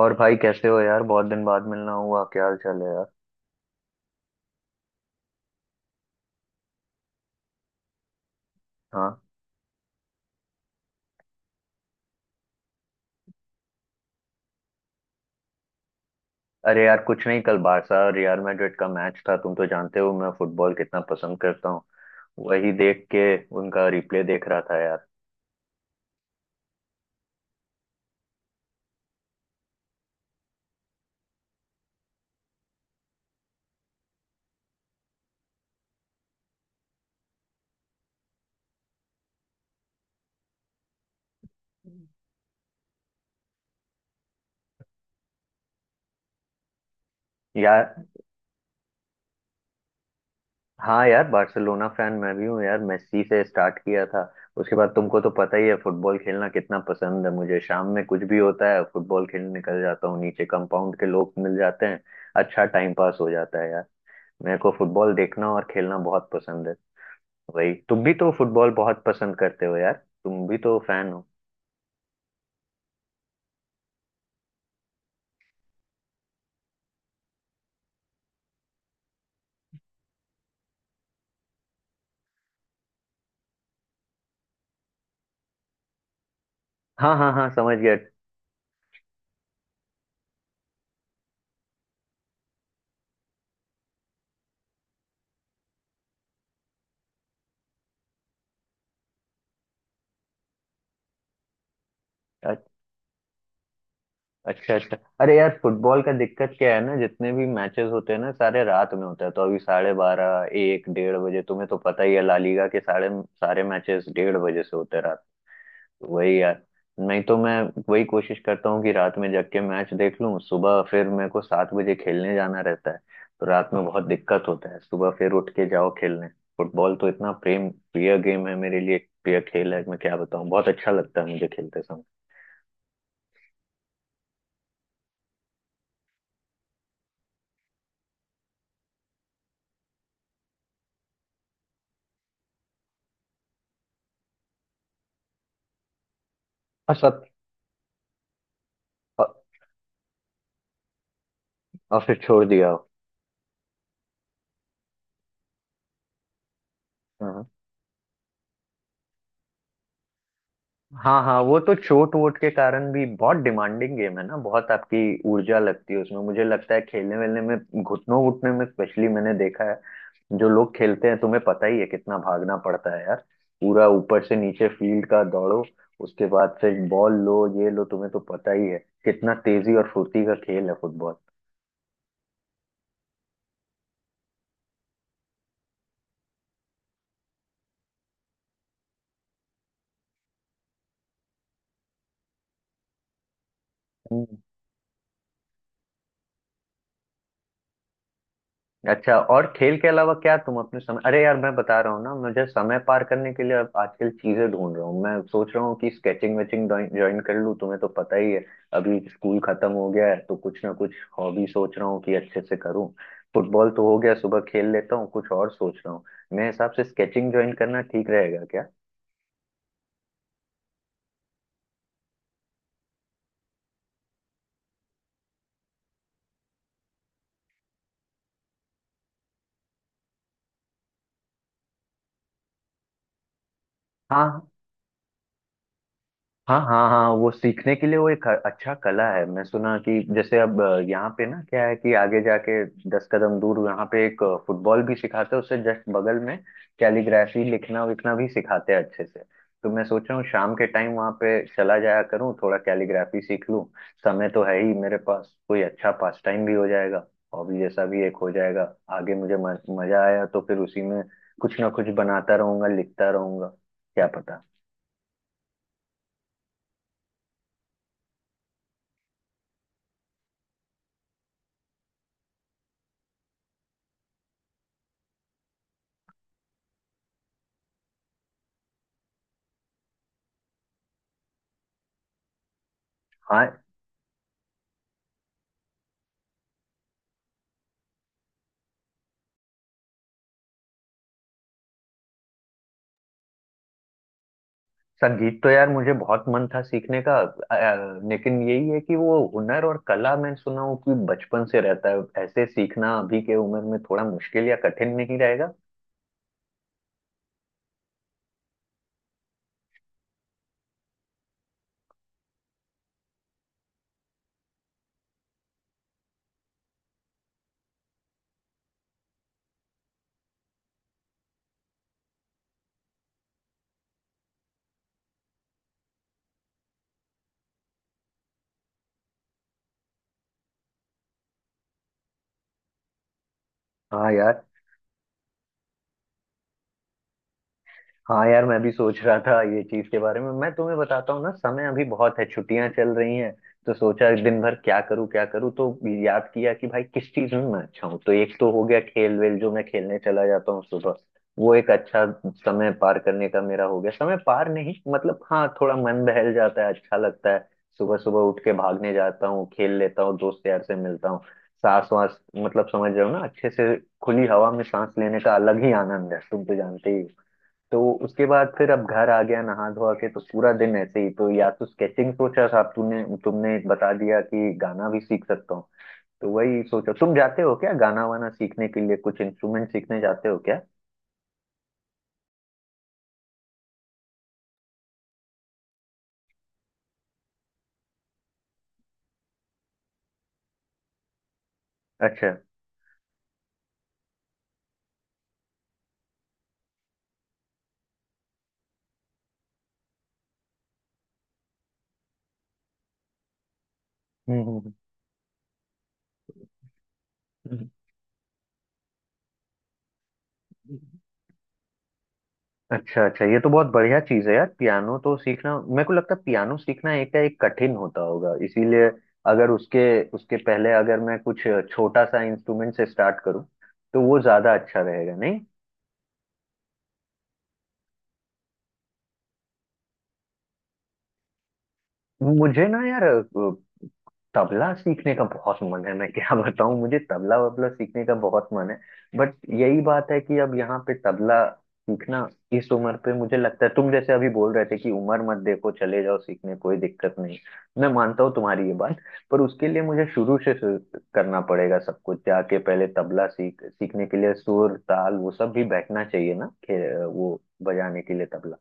और भाई कैसे हो यार? बहुत दिन बाद मिलना हुआ, क्या हाल चाल है यार? हाँ। अरे यार कुछ नहीं, कल बारसा और रियल मैड्रिड का मैच था, तुम तो जानते हो मैं फुटबॉल कितना पसंद करता हूँ। वही देख के, उनका रिप्ले देख रहा था यार। यार, हाँ यार, बार्सिलोना फैन मैं भी हूँ यार, मेस्सी से स्टार्ट किया था। उसके बाद तुमको तो पता ही है फुटबॉल खेलना कितना पसंद है मुझे। शाम में कुछ भी होता है फुटबॉल खेलने निकल जाता हूँ, नीचे कंपाउंड के लोग मिल जाते हैं। अच्छा टाइम पास हो जाता है यार। मेरे को फुटबॉल देखना और खेलना बहुत पसंद है। वही, तुम भी तो फुटबॉल बहुत पसंद करते हो यार, तुम भी तो फैन हो। हाँ हाँ हाँ, समझ गया। अ- अच्छा अच्छा। अरे यार फुटबॉल का दिक्कत क्या है ना, जितने भी मैचेस होते हैं ना सारे रात में होते हैं, तो अभी 12:30, 1, 1:30 बजे, तुम्हें तो पता ही है ला लीगा के सारे सारे मैचेस 1:30 बजे से होते हैं। वही यार। नहीं तो मैं वही कोशिश करता हूँ कि रात में जग के मैच देख लूँ, सुबह फिर मेरे को 7 बजे खेलने जाना रहता है। तो रात में बहुत दिक्कत होता है, सुबह फिर उठ के जाओ खेलने। फुटबॉल तो इतना प्रेम प्रिय गेम है मेरे लिए, प्रिय खेल है, मैं क्या बताऊँ, बहुत अच्छा लगता है मुझे खेलते समय। और सब, और और फिर छोड़ दिया? हो, हाँ हाँ, वो तो चोट वोट के कारण भी बहुत डिमांडिंग गेम है ना, बहुत आपकी ऊर्जा लगती है उसमें। मुझे लगता है खेलने वेलने में, घुटनों घुटने में स्पेशली मैंने देखा है, जो लोग खेलते हैं तुम्हें पता ही है कितना भागना पड़ता है यार। पूरा ऊपर से नीचे फील्ड का दौड़ो, उसके बाद से बॉल लो ये लो, तुम्हें तो पता ही है कितना तेजी और फुर्ती का खेल है फुटबॉल। अच्छा, और खेल के अलावा क्या तुम अपने समय— अरे यार मैं बता रहा हूँ ना, मुझे समय पार करने के लिए अब आजकल चीजें ढूंढ रहा हूँ, मैं सोच रहा हूँ कि स्केचिंग वेचिंग ज्वाइन कर लूँ, तुम्हें तो पता ही है अभी स्कूल खत्म हो गया है। तो कुछ ना कुछ हॉबी सोच रहा हूँ कि अच्छे से करूँ। फुटबॉल तो हो गया, सुबह खेल लेता हूँ, कुछ और सोच रहा हूँ। मेरे हिसाब से स्केचिंग ज्वाइन करना ठीक रहेगा क्या? हाँ हाँ हाँ हाँ, वो सीखने के लिए वो एक अच्छा कला है। मैं सुना कि जैसे अब यहाँ पे ना क्या है कि आगे जाके 10 कदम दूर यहाँ पे एक फुटबॉल भी सिखाते हैं उससे जस्ट बगल में, कैलीग्राफी लिखना विखना भी सिखाते हैं अच्छे से। तो मैं सोच रहा हूँ शाम के टाइम वहाँ पे चला जाया करूँ, थोड़ा कैलीग्राफी सीख लूँ। समय तो है ही मेरे पास, कोई अच्छा पास टाइम भी हो जाएगा, हॉबी जैसा भी एक हो जाएगा। आगे मुझे मजा आया तो फिर उसी में कुछ ना कुछ बनाता रहूंगा लिखता रहूंगा, क्या पता। हाँ। संगीत तो यार मुझे बहुत मन था सीखने का, लेकिन यही है कि वो हुनर और कला, मैं सुना हूँ कि बचपन से रहता है, ऐसे सीखना अभी के उम्र में थोड़ा मुश्किल या कठिन नहीं रहेगा? हाँ यार, हाँ यार, मैं भी सोच रहा था ये चीज के बारे में, मैं तुम्हें बताता हूँ ना, समय अभी बहुत है, छुट्टियां चल रही हैं, तो सोचा दिन भर क्या करूँ क्या करूँ, तो याद किया कि भाई किस चीज में मैं अच्छा हूँ। तो एक तो हो गया खेल वेल जो मैं खेलने चला जाता हूँ सुबह, वो एक अच्छा समय पार करने का मेरा हो गया, समय पार नहीं मतलब, हाँ थोड़ा मन बहल जाता है, अच्छा लगता है। सुबह सुबह उठ के भागने जाता हूँ, खेल लेता हूँ, दोस्त यार से मिलता हूँ, सांस वास मतलब समझ रहे हो ना अच्छे से, खुली हवा में सांस लेने का अलग ही आनंद है, तुम तो जानते ही हो। तो उसके बाद फिर अब घर आ गया, नहा धोआ के तो पूरा दिन ऐसे ही, तो या तो स्केचिंग सोचा था, तूने तुमने बता दिया कि गाना भी सीख सकता हूँ, तो वही सोचा, तुम जाते हो क्या गाना वाना सीखने के लिए, कुछ इंस्ट्रूमेंट सीखने जाते हो क्या? अच्छा। हम्म हम्म, हम्म। अच्छा अच्छा, ये तो बहुत बढ़िया चीज है यार, पियानो तो सीखना, मेरे को लगता है पियानो सीखना एक एक कठिन होता होगा, इसीलिए अगर उसके उसके पहले अगर मैं कुछ छोटा सा इंस्ट्रूमेंट से स्टार्ट करूँ तो वो ज्यादा अच्छा रहेगा नहीं? मुझे ना यार, तबला सीखने का बहुत मन है, मैं क्या बताऊं, मुझे तबला वबला सीखने का बहुत मन है। बट यही बात है कि अब यहाँ पे तबला सीखना इस उम्र पे, मुझे लगता है तुम जैसे अभी बोल रहे थे कि उम्र मत देखो चले जाओ सीखने, कोई दिक्कत नहीं, मैं मानता हूँ तुम्हारी ये बात। पर उसके लिए मुझे शुरू से शुरू करना पड़ेगा सब कुछ, जाके पहले तबला सीख सीखने के लिए सुर ताल वो सब भी बैठना चाहिए ना, वो बजाने के लिए तबला।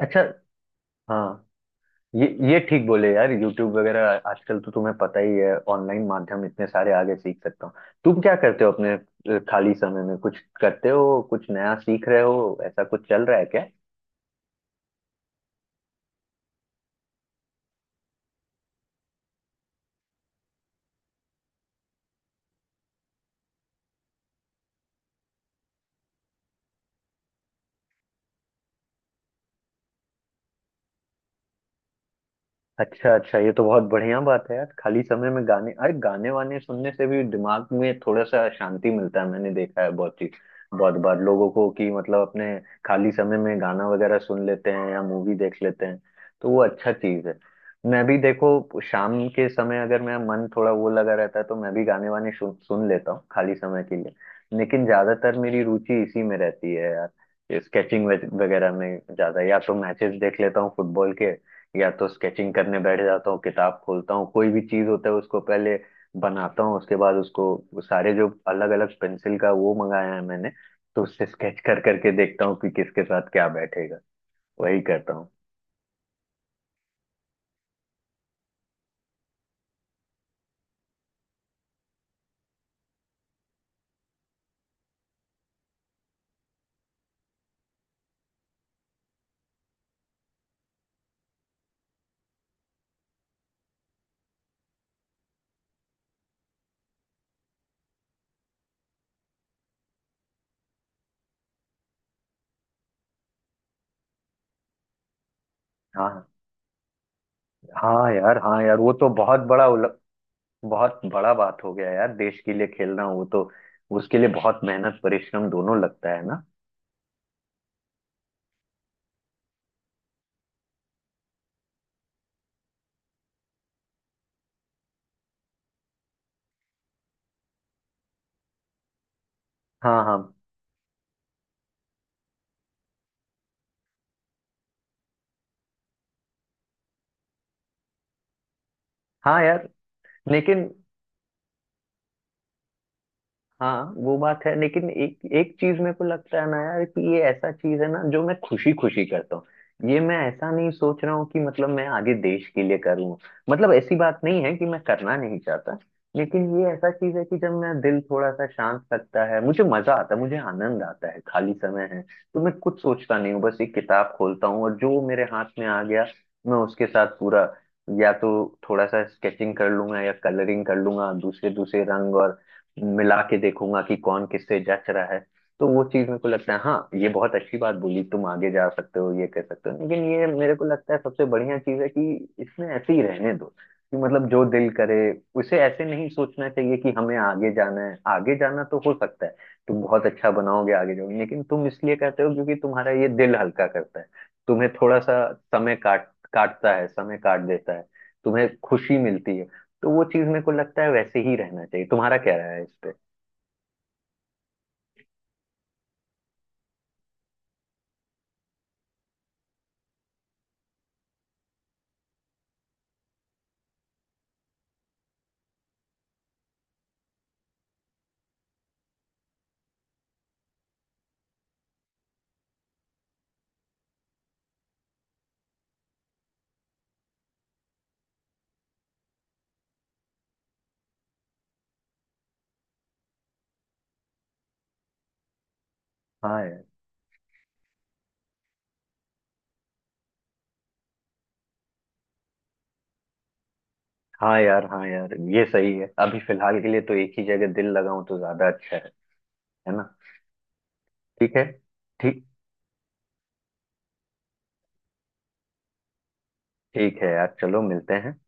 अच्छा। हाँ, ये ठीक बोले यार, यूट्यूब वगैरह आजकल तो तुम्हें पता ही है, ऑनलाइन माध्यम इतने सारे, आगे सीख सकता हूँ। तुम क्या करते हो अपने खाली समय में, कुछ करते हो, कुछ नया सीख रहे हो, ऐसा कुछ चल रहा है क्या? अच्छा अच्छा, ये तो बहुत बढ़िया बात है यार, खाली समय में गाने, अरे गाने वाने सुनने से भी दिमाग में थोड़ा सा शांति मिलता है, मैंने देखा है बहुत ही बहुत बार लोगों को कि मतलब अपने खाली समय में गाना वगैरह सुन लेते हैं या मूवी देख लेते हैं, तो वो अच्छा चीज है। मैं भी देखो शाम के समय अगर मेरा मन थोड़ा वो लगा रहता है तो मैं भी गाने वाने सुन लेता हूँ खाली समय के लिए, लेकिन ज्यादातर मेरी रुचि इसी में रहती है यार, स्केचिंग वगैरह में ज्यादा, या तो मैचेस देख लेता हूँ फुटबॉल के या तो स्केचिंग करने बैठ जाता हूँ, किताब खोलता हूँ, कोई भी चीज होता है उसको पहले बनाता हूँ, उसके बाद उसको सारे जो अलग अलग पेंसिल का वो मंगाया है मैंने, तो उससे स्केच कर करके देखता हूँ कि किसके साथ क्या बैठेगा। वही करता हूँ। हाँ। हाँ यार, हाँ यार, वो तो बहुत बड़ा बहुत बड़ा बात हो गया यार, देश के लिए खेलना, वो तो उसके लिए बहुत मेहनत परिश्रम दोनों लगता है ना। हाँ हाँ हाँ यार, लेकिन, हाँ वो बात है, लेकिन एक एक चीज मेरे को लगता है ना यार, कि ये ऐसा चीज है ना जो मैं खुशी खुशी करता हूँ, ये मैं ऐसा नहीं सोच रहा हूँ कि मतलब मैं आगे देश के लिए करूँ, मतलब ऐसी बात नहीं है कि मैं करना नहीं चाहता। लेकिन ये ऐसा चीज है कि जब मेरा दिल थोड़ा सा शांत लगता है, मुझे मजा आता है, मुझे आनंद आता है। खाली समय है तो मैं कुछ सोचता नहीं हूँ, बस एक किताब खोलता हूँ और जो मेरे हाथ में आ गया मैं उसके साथ पूरा, या तो थोड़ा सा स्केचिंग कर लूंगा या कलरिंग कर लूंगा, दूसरे दूसरे रंग और मिला के देखूंगा कि कौन किससे जच रहा है। तो वो चीज मेरे को लगता है, हाँ ये बहुत अच्छी बात बोली, तुम आगे जा सकते हो ये कर सकते हो, लेकिन ये मेरे को लगता है सबसे बढ़िया चीज है कि इसमें ऐसे ही रहने दो, कि मतलब जो दिल करे, उसे ऐसे नहीं सोचना चाहिए कि हमें आगे जाना है। आगे जाना तो हो सकता है, तुम बहुत अच्छा बनाओगे आगे जाओगे, लेकिन तुम इसलिए करते हो क्योंकि तुम्हारा ये दिल हल्का करता है, तुम्हें थोड़ा सा समय काटता है, समय काट देता है, तुम्हें खुशी मिलती है। तो वो चीज मेरे को लगता है वैसे ही रहना चाहिए, तुम्हारा क्या राय है इस पे? हाँ यार, हाँ यार, हाँ यार, ये सही है, अभी फिलहाल के लिए तो एक ही जगह दिल लगाऊं तो ज्यादा अच्छा है ना। ठीक है, ठीक। ठीक है यार, चलो मिलते हैं।